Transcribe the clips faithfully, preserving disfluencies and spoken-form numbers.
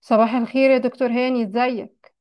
صباح الخير يا دكتور هاني، ازيك؟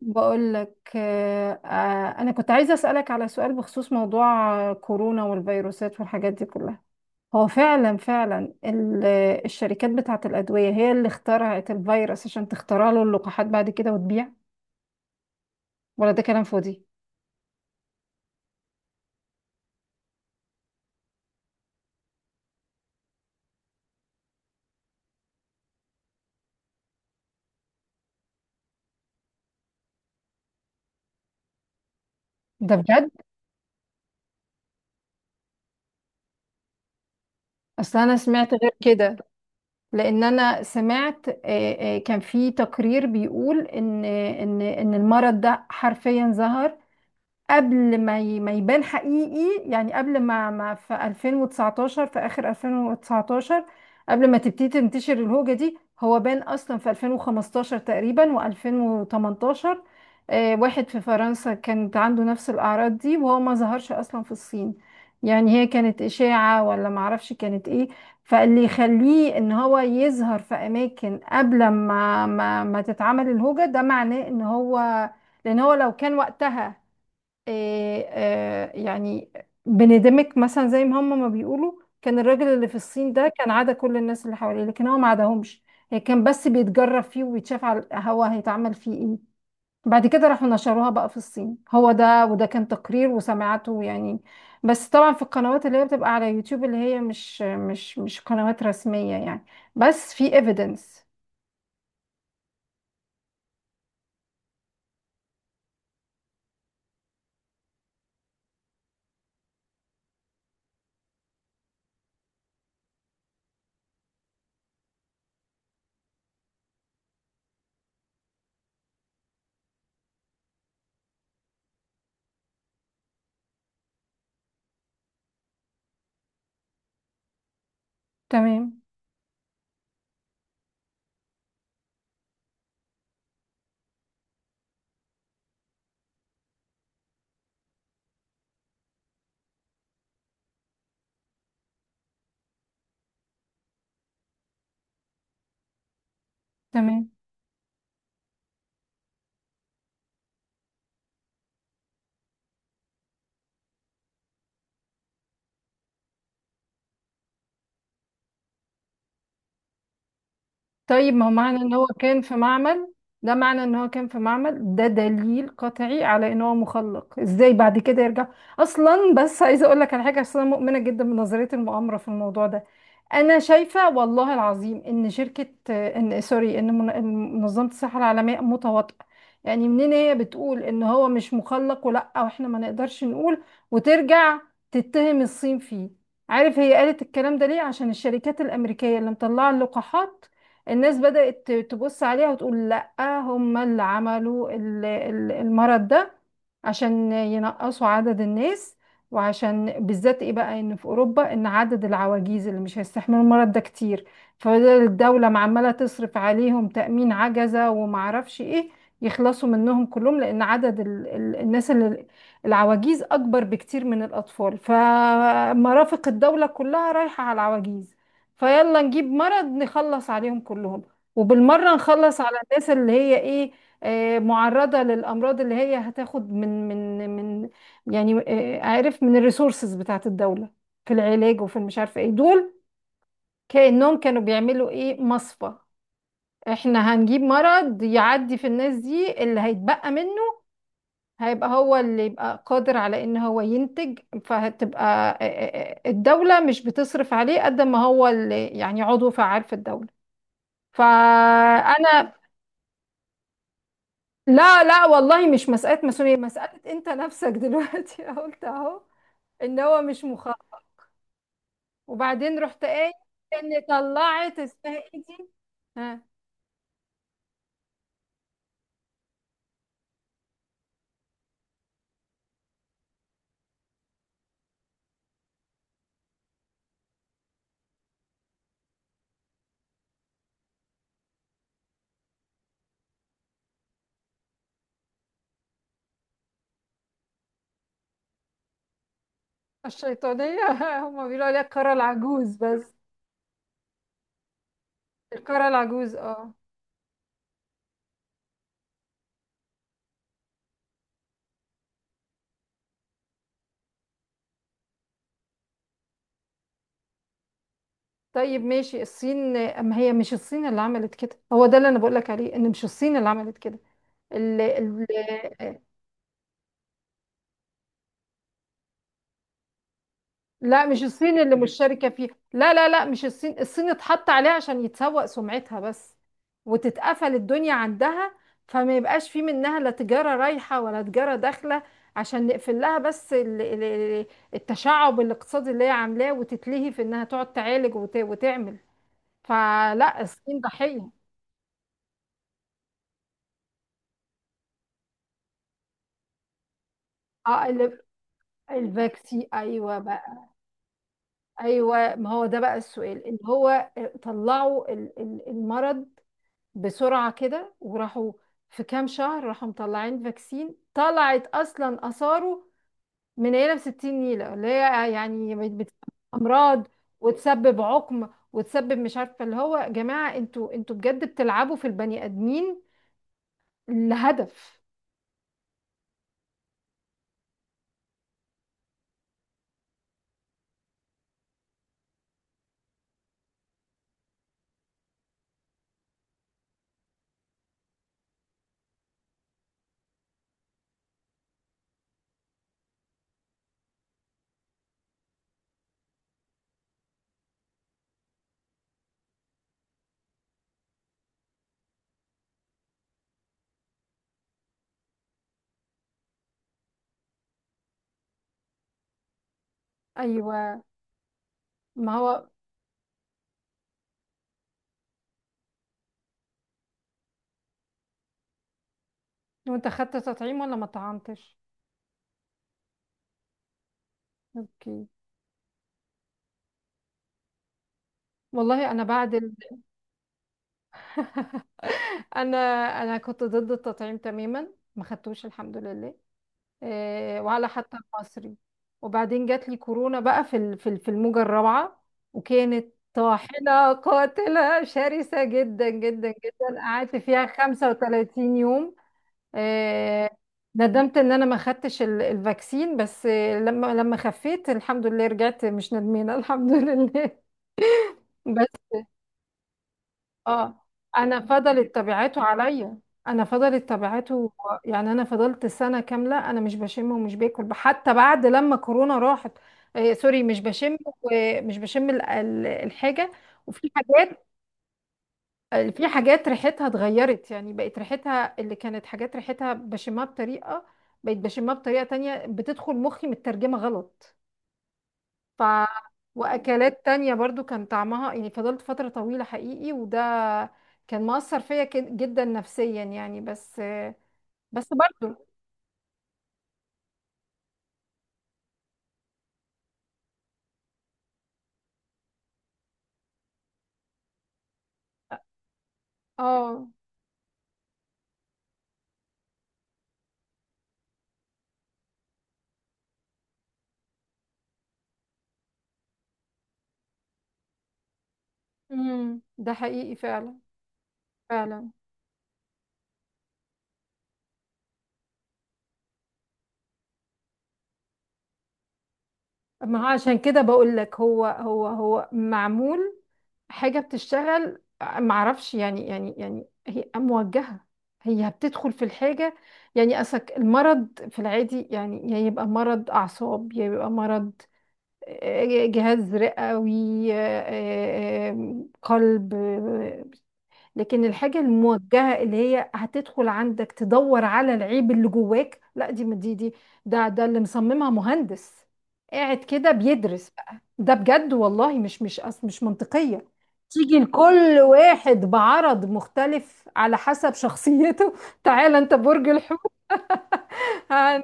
بقول لك آه، آه، انا كنت عايزه اسالك على سؤال بخصوص موضوع آه، كورونا والفيروسات والحاجات دي كلها. هو فعلا فعلا ال- آه، الشركات بتاعه الادويه هي اللي اخترعت الفيروس عشان تخترع له اللقاحات بعد كده وتبيع، ولا ده كلام فاضي؟ ده بجد؟ اصل انا سمعت غير كده، لان انا سمعت آه، آه، كان في تقرير بيقول ان آه، ان ان المرض ده حرفيا ظهر قبل ما ي- ما يبان حقيقي، يعني قبل ما ما في ألفين وتسعتاشر، في آخر ألفين وتسعتاشر قبل ما تبتدي تنتشر الهوجة دي. هو بان أصلا في ألفين وخمستاشر تقريبا و2018. آه، واحد في فرنسا كانت عنده نفس الأعراض دي، وهو ما ظهرش أصلا في الصين. يعني هي كانت إشاعة ولا معرفش كانت إيه. فاللي يخليه إن هو يظهر في أماكن قبل ما ما ما تتعمل الهوجة، ده معناه إن هو، لأن هو لو كان وقتها، آه، آه، يعني بندمج مثلا زي ما هم ما بيقولوا، كان الراجل اللي في الصين ده كان عدا كل الناس اللي حواليه لكن هو ما عداهمش. هي كان بس بيتجرب فيه وبيتشاف على هو هيتعمل فيه ايه. بعد كده راحوا نشروها بقى في الصين. هو ده، وده كان تقرير وسمعته يعني، بس طبعا في القنوات اللي هي بتبقى على يوتيوب، اللي هي مش مش مش قنوات رسمية يعني، بس في evidence. تمام، تمام. طيب ما هو معنى ان هو كان في معمل، ده معنى ان هو كان في معمل، ده دليل قطعي على ان هو مخلق. ازاي بعد كده يرجع؟ اصلا بس عايزه اقول لك على حاجه، عشان انا مؤمنه جدا بنظريه المؤامره في الموضوع ده. انا شايفه والله العظيم ان شركه، ان سوري ان من- إن منظمه الصحه العالميه متواطئه. يعني منين هي بتقول ان هو مش مخلق، ولا واحنا ما نقدرش نقول وترجع تتهم الصين فيه؟ عارف هي قالت الكلام ده ليه؟ عشان الشركات الامريكيه اللي مطلعه اللقاحات الناس بدأت تبص عليها وتقول لأ، هم اللي عملوا ال- ال- المرض ده عشان ينقصوا عدد الناس، وعشان بالذات ايه بقى، ان في اوروبا ان عدد العواجيز اللي مش هيستحملوا المرض ده كتير، فالدولة عمالة تصرف عليهم تأمين عجزة ومعرفش ايه، يخلصوا منهم كلهم. لان عدد ال ال الناس اللي، العواجيز، اكبر بكتير من الاطفال، فمرافق الدولة كلها رايحة على العواجيز. فيلا نجيب مرض نخلص عليهم كلهم، وبالمرة نخلص على الناس اللي هي ايه، آه، معرضة للأمراض، اللي هي هتاخد من من من يعني، آه، عارف، من الريسورسز بتاعت الدولة في العلاج وفي المش عارفة ايه دول. كأنهم كانوا بيعملوا ايه، مصفى. احنا هنجيب مرض يعدي في الناس دي، اللي هيتبقى منه هيبقى هو اللي يبقى قادر على ان هو ينتج، فهتبقى آه، آه، آه، الدولة مش بتصرف عليه قد ما هو اللي يعني عضو فعال في الدولة. فانا، لا لا والله، مش مسألة ماسونية، مسألة انت نفسك دلوقتي قلت اهو ان هو مش مخاطر، وبعدين رحت ايه؟ ان طلعت اسمها ايه دي؟ ها؟ الشيطانية هما بيقولوا عليها الكرة العجوز بس. الكرة العجوز، اه. طيب ماشي، الصين، اما هي مش الصين اللي عملت كده، هو ده اللي انا بقول لك عليه، ان مش الصين اللي عملت كده. ال ال لا، مش الصين اللي مش مشتركة فيه. لا لا لا، مش الصين، الصين اتحط عليها عشان يتسوق سمعتها بس وتتقفل الدنيا عندها، فما يبقاش في منها لا تجارة رايحة ولا تجارة داخلة، عشان نقفل لها بس ال- ال- ال- التشعب الاقتصادي اللي هي عاملاه، وتتلهي في انها تقعد تعالج وت- وتعمل. فلا، الصين ضحية. اه ال- الفاكسي، ايوه بقى. ايوه، ما هو ده بقى السؤال، ان هو طلعوا ال- ال- المرض بسرعة كده، وراحوا في كام شهر راحوا مطلعين فاكسين، طلعت أصلا آثاره من نيلة بستين نيلة، اللي هي يعني بت- أمراض، وتسبب عقم، وتسبب مش عارفة اللي هو. يا جماعة، انتوا انتوا بجد بتلعبوا في البني آدمين لهدف. أيوة. ما هو. وانت خدت تطعيم ولا ما طعمتش؟ اوكي. والله انا بعد ال... انا انا كنت ضد التطعيم تماما، ما خدتوش الحمد لله، آه، وعلى حتى المصري. وبعدين جات لي كورونا بقى في ال- في ال- في الموجة الرابعة، وكانت طاحنة قاتلة شرسة جدا جدا جدا، قعدت فيها 35 يوم. آه، ندمت ان انا ما خدتش ال- الفاكسين، بس آه، لما لما خفيت الحمد لله رجعت مش ندمانة الحمد لله. اه. انا فضلت تبعته عليا، انا فضلت تبعته. يعني انا فضلت سنه كامله انا مش بشم ومش باكل حتى بعد لما كورونا راحت. آه، سوري، مش بشم، ومش بشم ال- ال- الحاجه. وفي حاجات، في حاجات ريحتها اتغيرت، يعني بقت ريحتها اللي كانت حاجات ريحتها بشمها بطريقه، بقت بشمها بطريقه تانية، بتدخل مخي مترجمه غلط. ف واكلات تانية برضو كان طعمها يعني، فضلت فترة طويلة حقيقي، وده كان مؤثر فيا كد- جدا نفسيا يعني. بس، بس برضو. اه. امم، ده حقيقي فعلا. فعلا. ما هو عشان كده بقول لك، هو هو هو معمول، حاجة بتشتغل، معرفش يعني، يعني يعني هي موجهة، هي بتدخل في الحاجة. يعني أسك المرض في العادي يعني، يا يبقى مرض أعصاب، يا يبقى مرض جهاز رئوي، آه، قلب، آه، لكن الحاجة الموجهة اللي هي هتدخل عندك تدور على العيب اللي جواك، لا. دي دي دي ده، ده اللي مصممها مهندس قاعد كده بيدرس بقى. ده بجد والله مش، مش أص- مش منطقية. تيجي لكل واحد بعرض مختلف على حسب شخصيته تعالى انت برج الحوت. هن-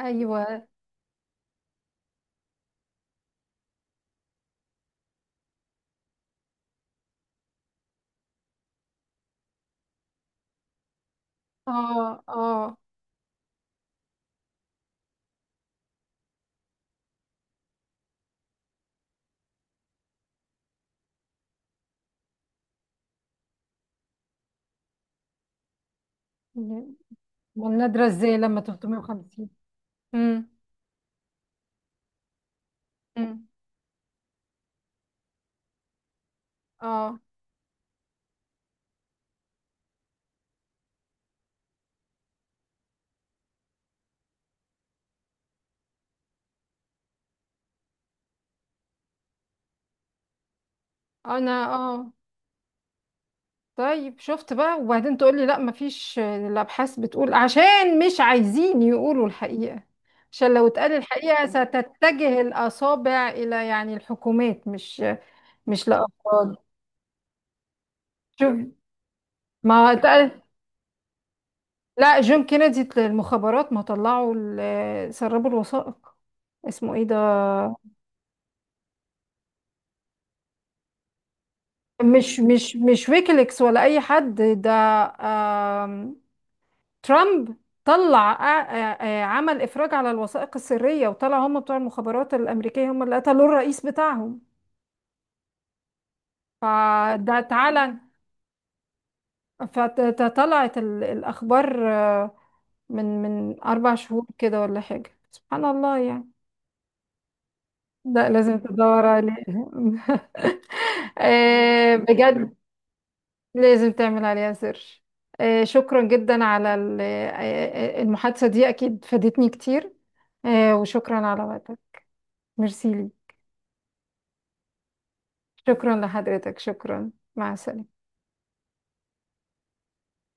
ايوه. اه. اه. والنادرة ازاي لما تلتميه؟ امم. امم. اه. اه، انا اه. طيب شفت بقى، وبعدين تقول لي لا مفيش، الابحاث بتقول، عشان مش عايزين يقولوا الحقيقه، عشان لو اتقال الحقيقه ستتجه الاصابع الى يعني الحكومات، مش مش لافراد. شوف. ما اتقال. لا، جون كينيدي المخابرات ما طلعوا ال- سربوا الوثائق، اسمه ايه ده. مش مش مش ويكيليكس ولا اي حد، ده ترامب، طلع آ- آ- آ- عمل إفراج على الوثائق السرية، وطلع هم بتوع المخابرات الأمريكية هم اللي قتلوا الرئيس بتاعهم. فده، تعالى، فطلعت ال- الأخبار آه، من من أربع شهور كده ولا حاجة، سبحان الله يعني. لا لازم تدور عليه آه، بجد. لازم تعمل عليها سيرش. آه، شكرا جدا على ال- آه، آه، المحادثة دي، أكيد فادتني كتير. آه، وشكرا على وقتك. ميرسي ليك. شكرا لحضرتك، شكرا، مع السلامة.